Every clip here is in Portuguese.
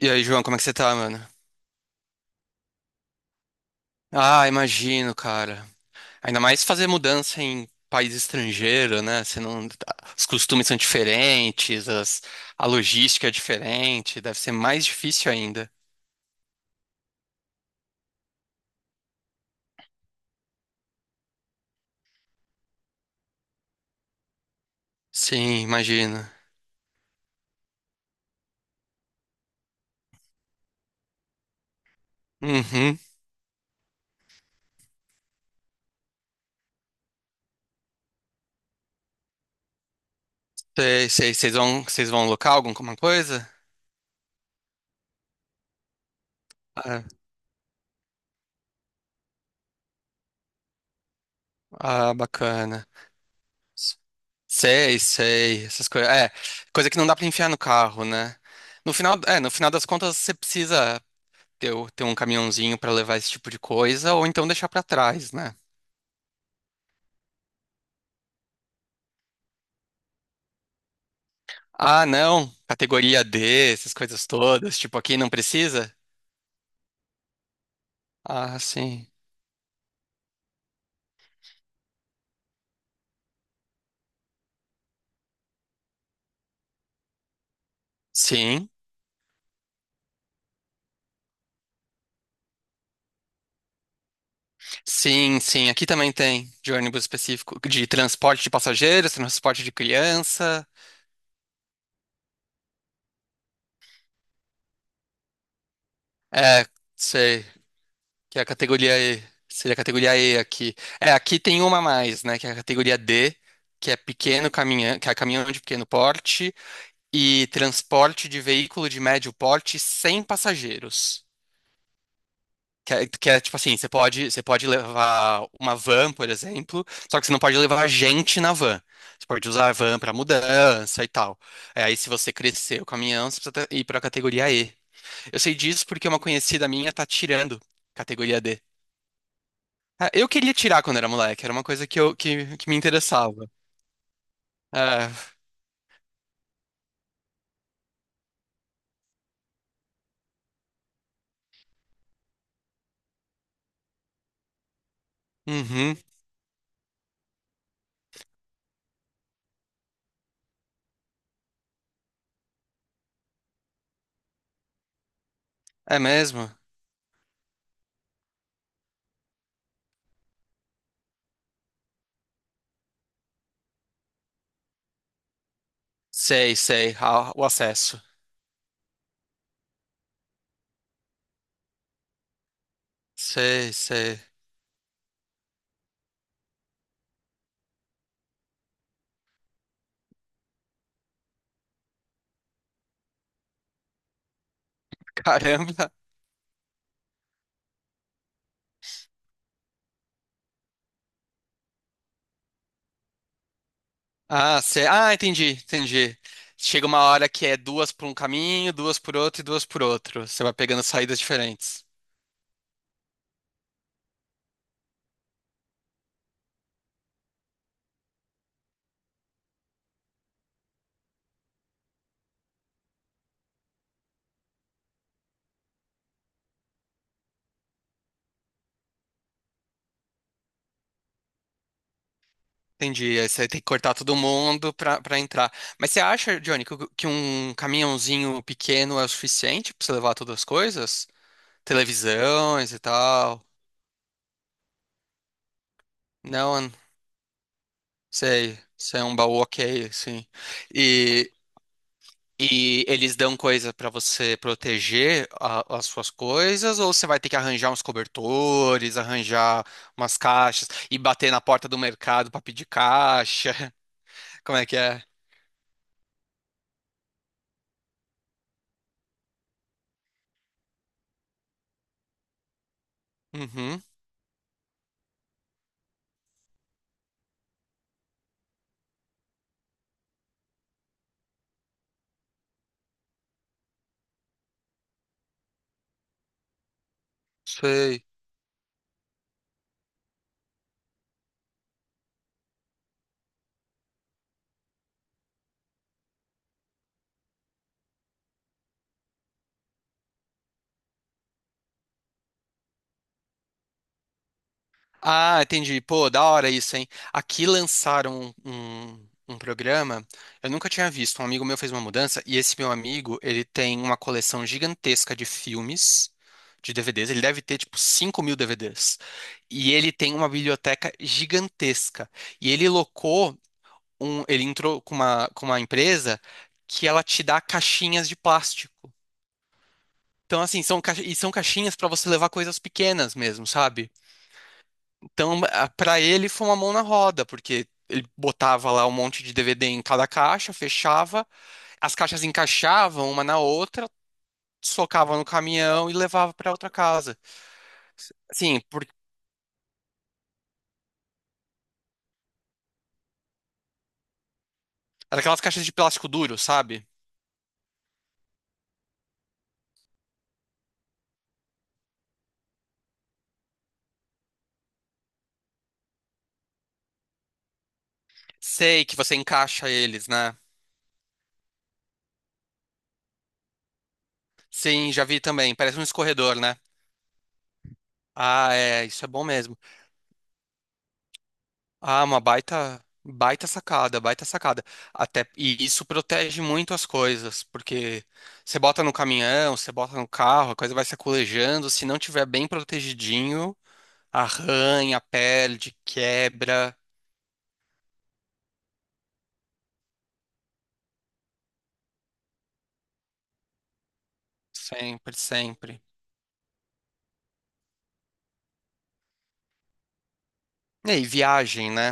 E aí, João, como é que você tá, mano? Ah, imagino, cara. Ainda mais fazer mudança em país estrangeiro, né? Você não... Os costumes são diferentes, a logística é diferente, deve ser mais difícil ainda. Sim, imagino. Uhum. Sei, sei. Vocês vão alocar alguma coisa? Ah, ah, bacana. Sei, sei, essas coisas. É, coisa que não dá pra enfiar no carro, né? No final, é, no final das contas, você precisa ter, ter um caminhãozinho para levar esse tipo de coisa, ou então deixar para trás, né? Ah, não, categoria D, essas coisas todas, tipo, aqui não precisa? Ah, sim. Sim, sim, aqui também tem de ônibus específico, de transporte de passageiros, transporte de criança, é, sei, que é a categoria E, seria a categoria E aqui. É, aqui tem uma a mais, né, que é a categoria D, que é pequeno caminhão, que é caminhão de pequeno porte, e transporte de veículo de médio porte sem passageiros. Que é, tipo assim, você pode levar uma van, por exemplo, só que você não pode levar gente na van. Você pode usar a van para mudança e tal. É, aí, se você crescer o caminhão, você precisa ir para a categoria E. Eu sei disso porque uma conhecida minha tá tirando categoria D. Ah, eu queria tirar quando era moleque, era uma coisa que, que me interessava. É, uhum, é mesmo? Sei, sei, ah, o acesso. Sei, sei. Caramba. Ah, entendi, entendi. Chega uma hora que é duas por um caminho, duas por outro e duas por outro. Você vai pegando saídas diferentes. Entendi. Aí você tem que cortar todo mundo pra entrar. Mas você acha, Johnny, que um caminhãozinho pequeno é o suficiente pra você levar todas as coisas? Televisões e tal? Não, sei. Isso é um baú ok, assim. E eles dão coisa pra você proteger as suas coisas, ou você vai ter que arranjar uns cobertores, arranjar umas caixas e bater na porta do mercado pra pedir caixa? Como é que é? Uhum, sei. Ah, entendi. Pô, da hora isso, hein? Aqui lançaram um programa, eu nunca tinha visto. Um amigo meu fez uma mudança e esse meu amigo, ele tem uma coleção gigantesca de filmes, de DVDs. Ele deve ter, tipo, 5.000 DVDs. E ele tem uma biblioteca gigantesca. E ele locou um, ele entrou com uma empresa que ela te dá caixinhas de plástico. Então, assim, são, e são caixinhas para você levar coisas pequenas mesmo, sabe? Então, para ele foi uma mão na roda, porque ele botava lá um monte de DVD em cada caixa, fechava, as caixas encaixavam uma na outra, socava no caminhão e levava para outra casa. Assim, por... era aquelas caixas de plástico duro, sabe? Sei que você encaixa eles, né? Sim, já vi também, parece um escorredor, né? Ah, é, isso é bom mesmo. Ah, uma baita, baita sacada, baita sacada. Até, e isso protege muito as coisas, porque você bota no caminhão, você bota no carro, a coisa vai se aculejando. Se não tiver bem protegidinho, arranha, perde, quebra, sempre, sempre. E aí, viagem, né?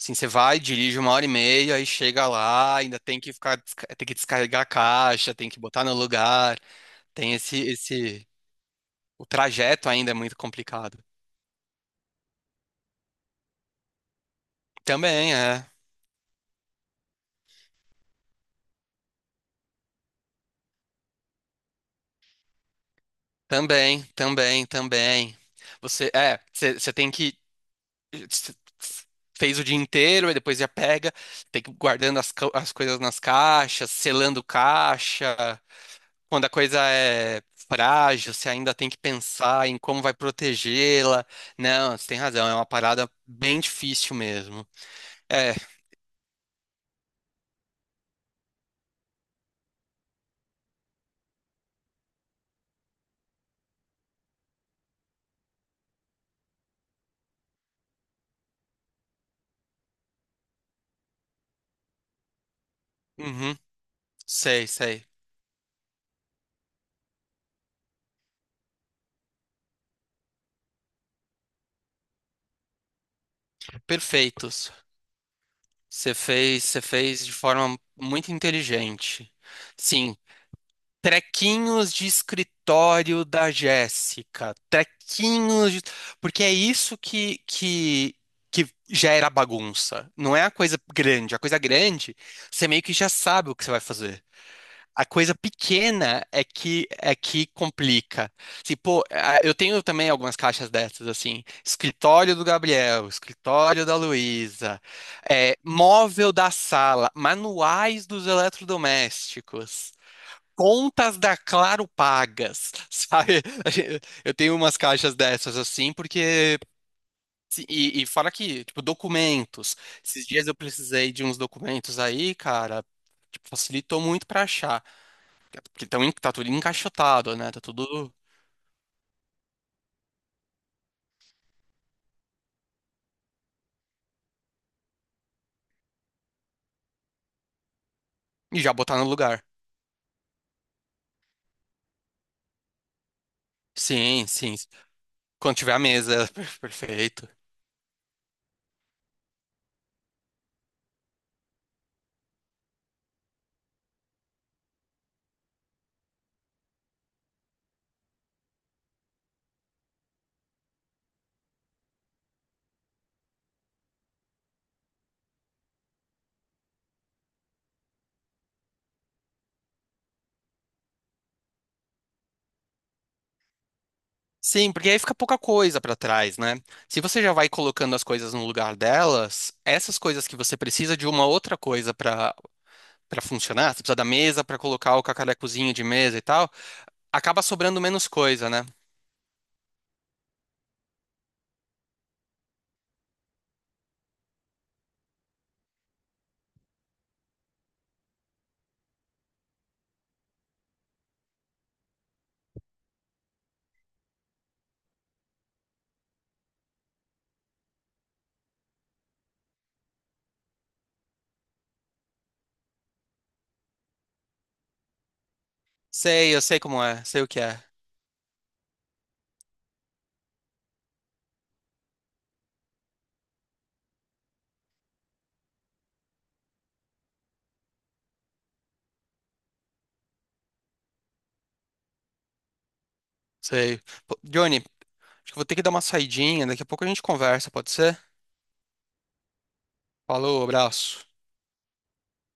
Assim, você vai, dirige uma hora e meia, aí chega lá, ainda tem que ficar, tem que descarregar a caixa, tem que botar no lugar, tem o trajeto ainda é muito complicado. Também, é. Também, também, também. Você, é, você tem que você fez o dia inteiro e depois já pega, tem que ir guardando as, as coisas nas caixas, selando caixa. Quando a coisa é frágil, você ainda tem que pensar em como vai protegê-la. Não, você tem razão, é uma parada bem difícil mesmo. É, uhum, sei, sei. Perfeitos. Você fez de forma muito inteligente. Sim, trequinhos de escritório da Jéssica. Trequinhos de... Porque é isso que gera bagunça. Não é a coisa grande. A coisa grande, você meio que já sabe o que você vai fazer. A coisa pequena é que complica. Se, pô, eu tenho também algumas caixas dessas, assim. Escritório do Gabriel, escritório da Luísa, é, móvel da sala, manuais dos eletrodomésticos. Contas da Claro pagas, sabe? Eu tenho umas caixas dessas assim, porque e fora que, tipo, documentos. Esses dias eu precisei de uns documentos aí, cara. Tipo, facilitou muito pra achar. Porque tão, tá tudo encaixotado, né? Tá tudo. E já botar no lugar. Sim, sim. Quando tiver a mesa, perfeito. Sim, porque aí fica pouca coisa pra trás, né? Se você já vai colocando as coisas no lugar delas, essas coisas que você precisa de uma outra coisa pra para funcionar, você precisa da mesa para colocar o cacarecozinho de mesa e tal, acaba sobrando menos coisa, né? Sei, eu sei como é, sei o que é, sei. Pô, Johnny, acho que eu vou ter que dar uma saidinha, daqui a pouco a gente conversa, pode ser? Falou, abraço.